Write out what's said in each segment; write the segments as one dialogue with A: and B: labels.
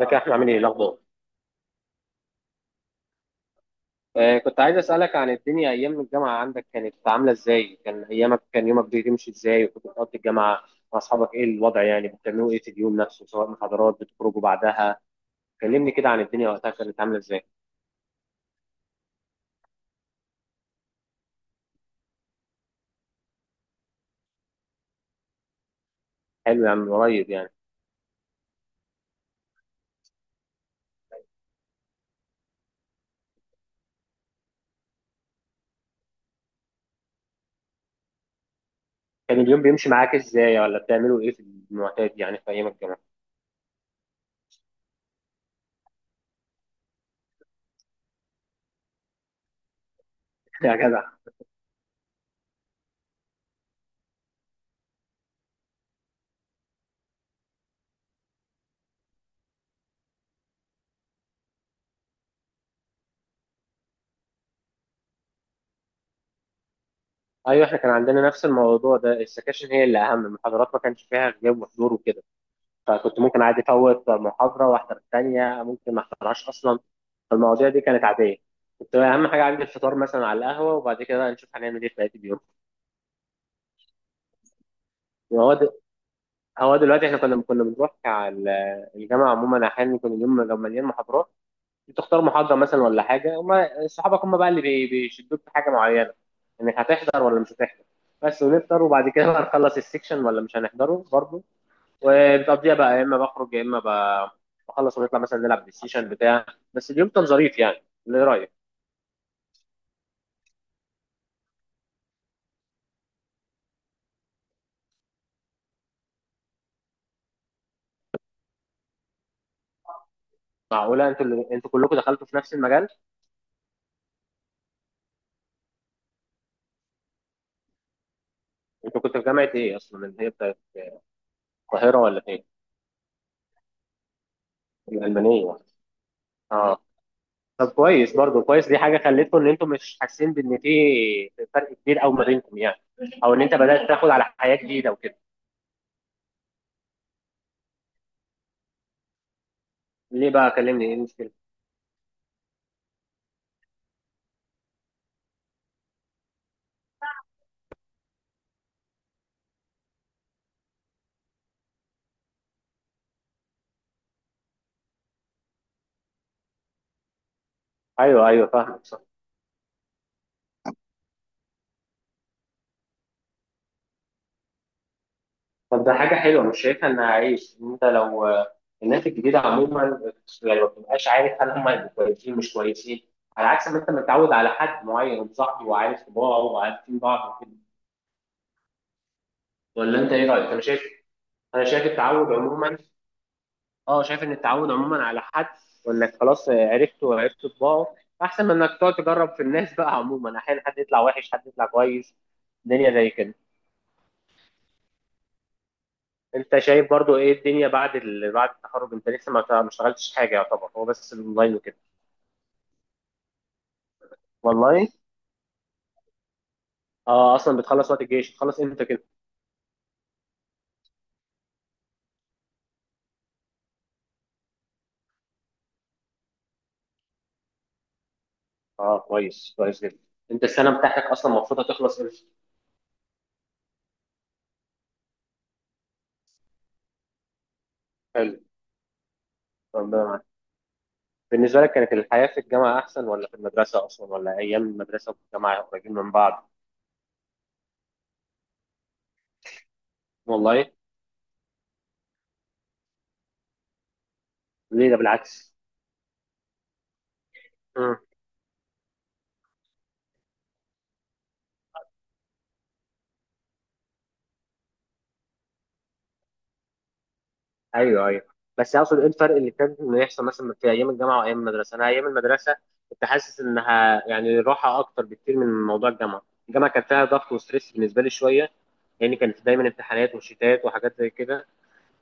A: ازيك يا احمد، عامل ايه الاخبار؟ كنت عايز اسالك عن الدنيا ايام الجامعه عندك، كانت عامله ازاي؟ كان يومك بيمشي ازاي؟ وكنت بتقضي الجامعه مع اصحابك، ايه الوضع؟ يعني بتعملوا ايه في اليوم نفسه، سواء محاضرات بتخرجوا بعدها؟ كلمني كده عن الدنيا وقتها كانت عامله ازاي. حلو يا عم، قريب يعني. كان اليوم بيمشي معاك ازاي؟ ولا بتعملوا ايه في المعتاد يعني في ايام الجامعه؟ يا جدع. ايوه، احنا كان عندنا نفس الموضوع ده، السكاشن هي اللي اهم، المحاضرات ما كانش فيها غياب وحضور وكده. فكنت ممكن عادي افوت محاضره واحضر الثانيه، ممكن ما احضرهاش اصلا. فالمواضيع دي كانت عاديه. كنت اهم حاجه عندي الفطار مثلا على القهوه، وبعد كده بقى نشوف هنعمل ايه في بقيه اليوم. هو د- هو دلوقتي احنا كنا بنروح على الجامعه عموما. احيانا يكون اليوم لو مليان محاضرات، بتختار محاضره مثلا ولا حاجه. هم صحابك هم بقى اللي بيشدوك في حاجه معينه، انك هتحضر ولا مش هتحضر. بس ونفطر، وبعد كده بقى نخلص السكشن ولا مش هنحضره برضه. وبتقضيها بقى يا اما بخرج، يا اما بخلص ونطلع مثلا نلعب بلاي ستيشن بتاع. بس اليوم كان ظريف يعني، اللي رايك. معقوله انتوا انتوا كلكم دخلتوا في نفس المجال؟ انت كنت في جامعه ايه اصلا اللي هي بتاعت القاهره ولا فين؟ الالمانيه؟ اه. طب كويس، برضو كويس. دي حاجه خلتكم ان انتم مش حاسين بان في فرق كبير قوي ما بينكم يعني، او ان انت بدات تاخد على حياه جديده وكده. ليه بقى؟ كلمني ايه المشكله. ايوه ايوه، فاهمك صح. طب ده حاجه حلوه، مش شايفها انها عيش؟ ان انت لو الناس الجديده عموما، يعني ما بتبقاش عارف هل هم هيبقوا كويسين مش كويسين، على عكس ما انت متعود على حد معين وصاحبه وعارف طباعه وعارفين بعض وكده. ولا انت ايه رايك؟ انا شايف التعود عموما. اه شايف ان التعود عموما على حد وانك خلاص عرفته وعرفت طباعه، احسن من انك تقعد تجرب في الناس بقى عموما، احيانا حد يطلع وحش حد يطلع كويس. الدنيا زي كده. انت شايف برضو ايه الدنيا بعد بعد التخرج؟ انت لسه ما اشتغلتش حاجه، يعتبر هو بس الاونلاين وكده. والله. اه، اصلا بتخلص وقت الجيش، بتخلص امتى كده؟ اه، كويس كويس جدا. انت السنه بتاعتك اصلا المفروض هتخلص امتى؟ حلو. ربنا معاك. بالنسبة لك كانت الحياة في الجامعة أحسن، ولا في المدرسة أصلا، ولا أيام المدرسة والجامعة قريبين من بعض؟ والله. ليه؟ ده بالعكس. مم. أيوه أيوه، بس أقصد إيه الفرق اللي كان إنه يحصل مثلا في أيام الجامعة وأيام المدرسة؟ أنا أيام المدرسة كنت حاسس إنها يعني راحة أكتر بكتير من موضوع الجامعة، الجامعة كان فيها ضغط وستريس بالنسبة لي شوية، لأن يعني كان دايما امتحانات وشتات وحاجات زي كده.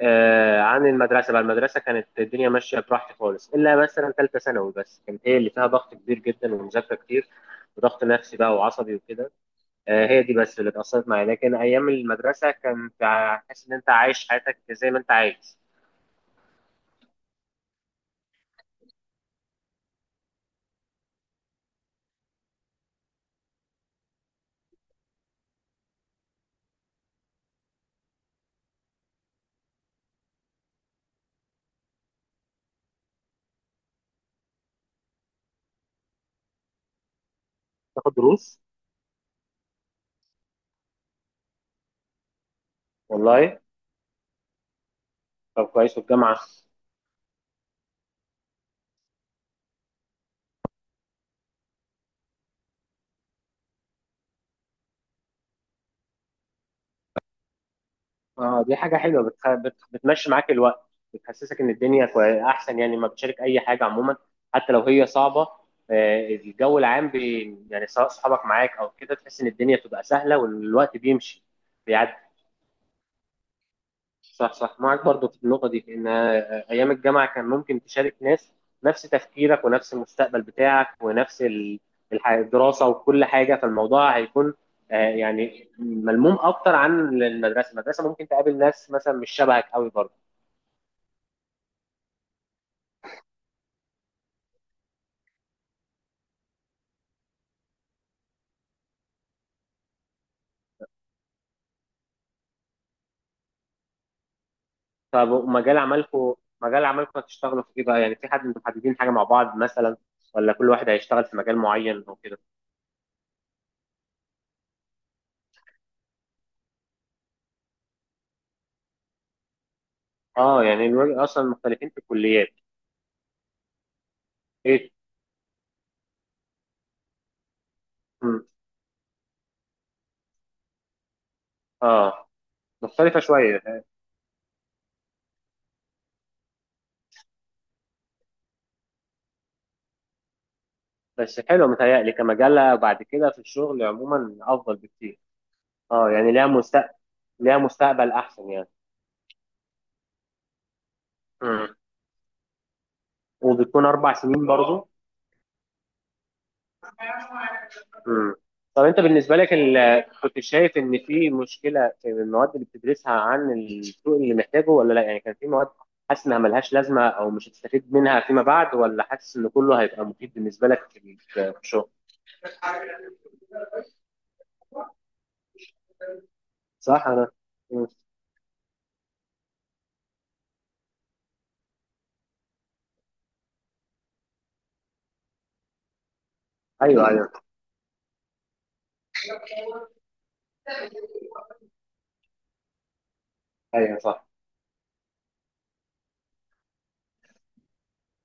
A: عن المدرسه بقى، المدرسه كانت الدنيا ماشيه براحتي خالص، الا مثلا ثالثه ثانوي بس كانت هي اللي فيها ضغط كبير جدا ومذاكره كتير وضغط نفسي بقى وعصبي وكده. هي دي بس اللي اتأثرت معايا، لكن ايام المدرسه كنت حاسس ان انت عايش حياتك زي ما انت عايز. تاخد دروس؟ والله. طب كويس. والجامعه؟ اه، دي حاجة حلوة. بتمشي معاك الوقت، بتحسسك ان الدنيا احسن، يعني لما بتشارك اي حاجة عموما حتى لو هي صعبة. الجو العام يعني سواء صحابك معاك او كده، تحس ان الدنيا بتبقى سهلة والوقت بيمشي بيعدي. صح صح، معاك برضو في النقطة دي، ان ايام الجامعة كان ممكن تشارك ناس نفس تفكيرك ونفس المستقبل بتاعك ونفس الدراسة وكل حاجة، فالموضوع هيكون يعني ملموم اكتر عن المدرسة. المدرسة ممكن تقابل ناس مثلا مش شبهك قوي برضو. طب ومجال عملكم، مجال عملكم هتشتغلوا في ايه بقى؟ يعني في حد انتوا محددين حاجه مع بعض مثلا، ولا كل واحد هيشتغل في مجال معين او كده؟ اه يعني الوجه اصلا مختلفين في الكليات. ايه؟ مم. اه، مختلفه شويه. بس حلو، متهيألي كمجال بعد كده في الشغل عموما افضل بكتير. اه يعني ليها مستقبل، ليها مستقبل احسن يعني. مم. وبتكون 4 سنين برضو. مم. طب انت بالنسبه لك كنت شايف ان في مشكله في المواد اللي بتدرسها عن السوق اللي محتاجه ولا لا؟ يعني كان في مواد حاسس انها ملهاش لازمه او مش هتستفيد منها فيما بعد، ولا حاسس ان كله هيبقى مفيد بالنسبه لك في الشغل؟ صح. انا. مم. ايوه صح ايوه. ايوه صح.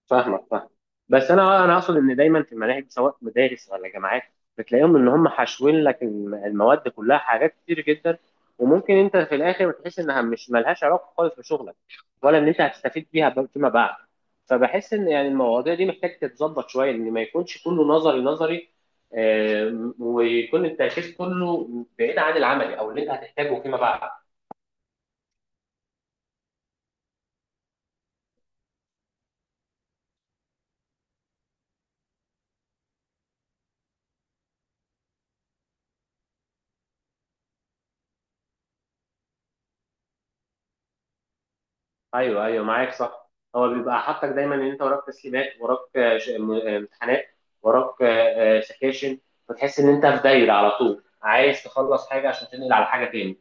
A: فاهمك فاهم. بس انا اقصد ان دايما في المناهج سواء مدارس ولا جامعات بتلاقيهم ان هم حاشوين لك المواد كلها حاجات كتير جدا، وممكن انت في الاخر بتحس انها مش ملهاش علاقه خالص بشغلك، ولا ان انت هتستفيد بيها فيما بعد. فبحس ان يعني المواضيع دي محتاج تتظبط شويه، ان ما يكونش كله نظري نظري. ويكون التركيز كله بعيد عن العملي او اللي انت هتحتاجه فيما بعد. ايوه ايوه، معاك صح. هو بيبقى حاطك دايما ان انت وراك تسليمات، وراك امتحانات، وراك سكاشن. فتحس ان انت في دايره على طول، عايز تخلص حاجه عشان تنقل على حاجه تاني.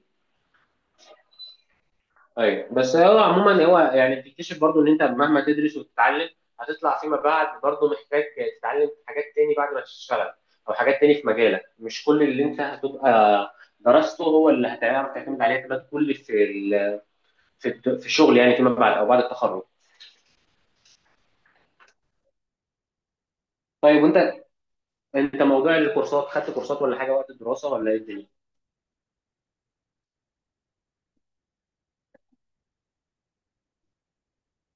A: ايوه. بس هو عموما هو يعني بتكتشف برضو ان انت مهما تدرس وتتعلم هتطلع فيما بعد برضو محتاج تتعلم حاجات تاني بعد ما تشتغل، او حاجات تاني في مجالك. مش كل اللي انت هتبقى درسته هو اللي هتعرف تعتمد عليه اعتماد كلي في في الشغل يعني فيما بعد او بعد التخرج. طيب وانت. انت موضوع الكورسات، خدت كورسات ولا حاجه وقت الدراسه، ولا ايه الدنيا؟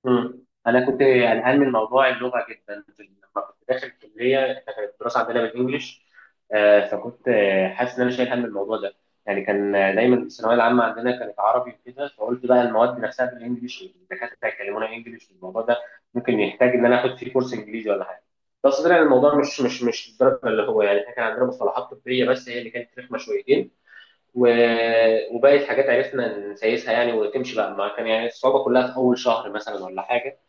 A: مم. انا كنت قلقان من موضوع اللغه جدا لما كنت داخل الكليه، إحنا كانت الدراسه عندنا بالانجلش. فكنت حاسس ان انا شايل هم الموضوع ده. يعني كان دايما في الثانويه العامه عندنا كانت عربي وكده، فقلت بقى المواد نفسها بالانجلش الدكاتره يكلمونا انجلش، الموضوع ده ممكن يحتاج ان انا اخد فيه كورس انجليزي ولا حاجه. بس طلع الموضوع مش الدرجه اللي هو يعني. إحنا كان عندنا مصطلحات طبيه بس هي اللي كانت رخمه شويتين، وباقي الحاجات عرفنا نسيسها يعني وتمشي بقى. ما كان يعني الصعوبة كلها في أول شهر مثلا ولا حاجة،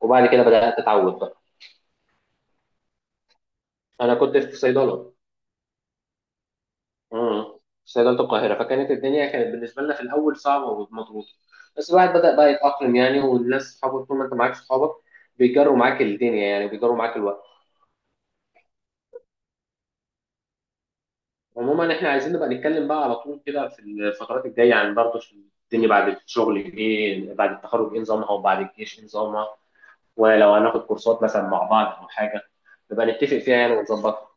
A: وبعد كده بدأت أتعود بقى. أنا كنت في صيدلة. امم. في صيدلة القاهرة، فكانت الدنيا كانت بالنسبة لنا في الأول صعبة ومضغوطة، بس الواحد بدأ بقى يتأقلم يعني. والناس صحابه، طول ما أنت معاك صحابك بيجروا معاك الدنيا يعني، بيجروا معاك الوقت. عموما احنا عايزين نبقى نتكلم بقى على طول كده في الفترات الجاية عن برضه الدنيا بعد الشغل، ايه بعد التخرج ايه نظامها، وبعد الجيش ايه نظامها، ولو هناخد كورسات مثلا مع بعض أو حاجة نبقى نتفق فيها يعني ونظبطها.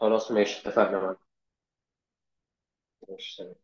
A: خلاص، ماشي، اتفقنا. ماشي.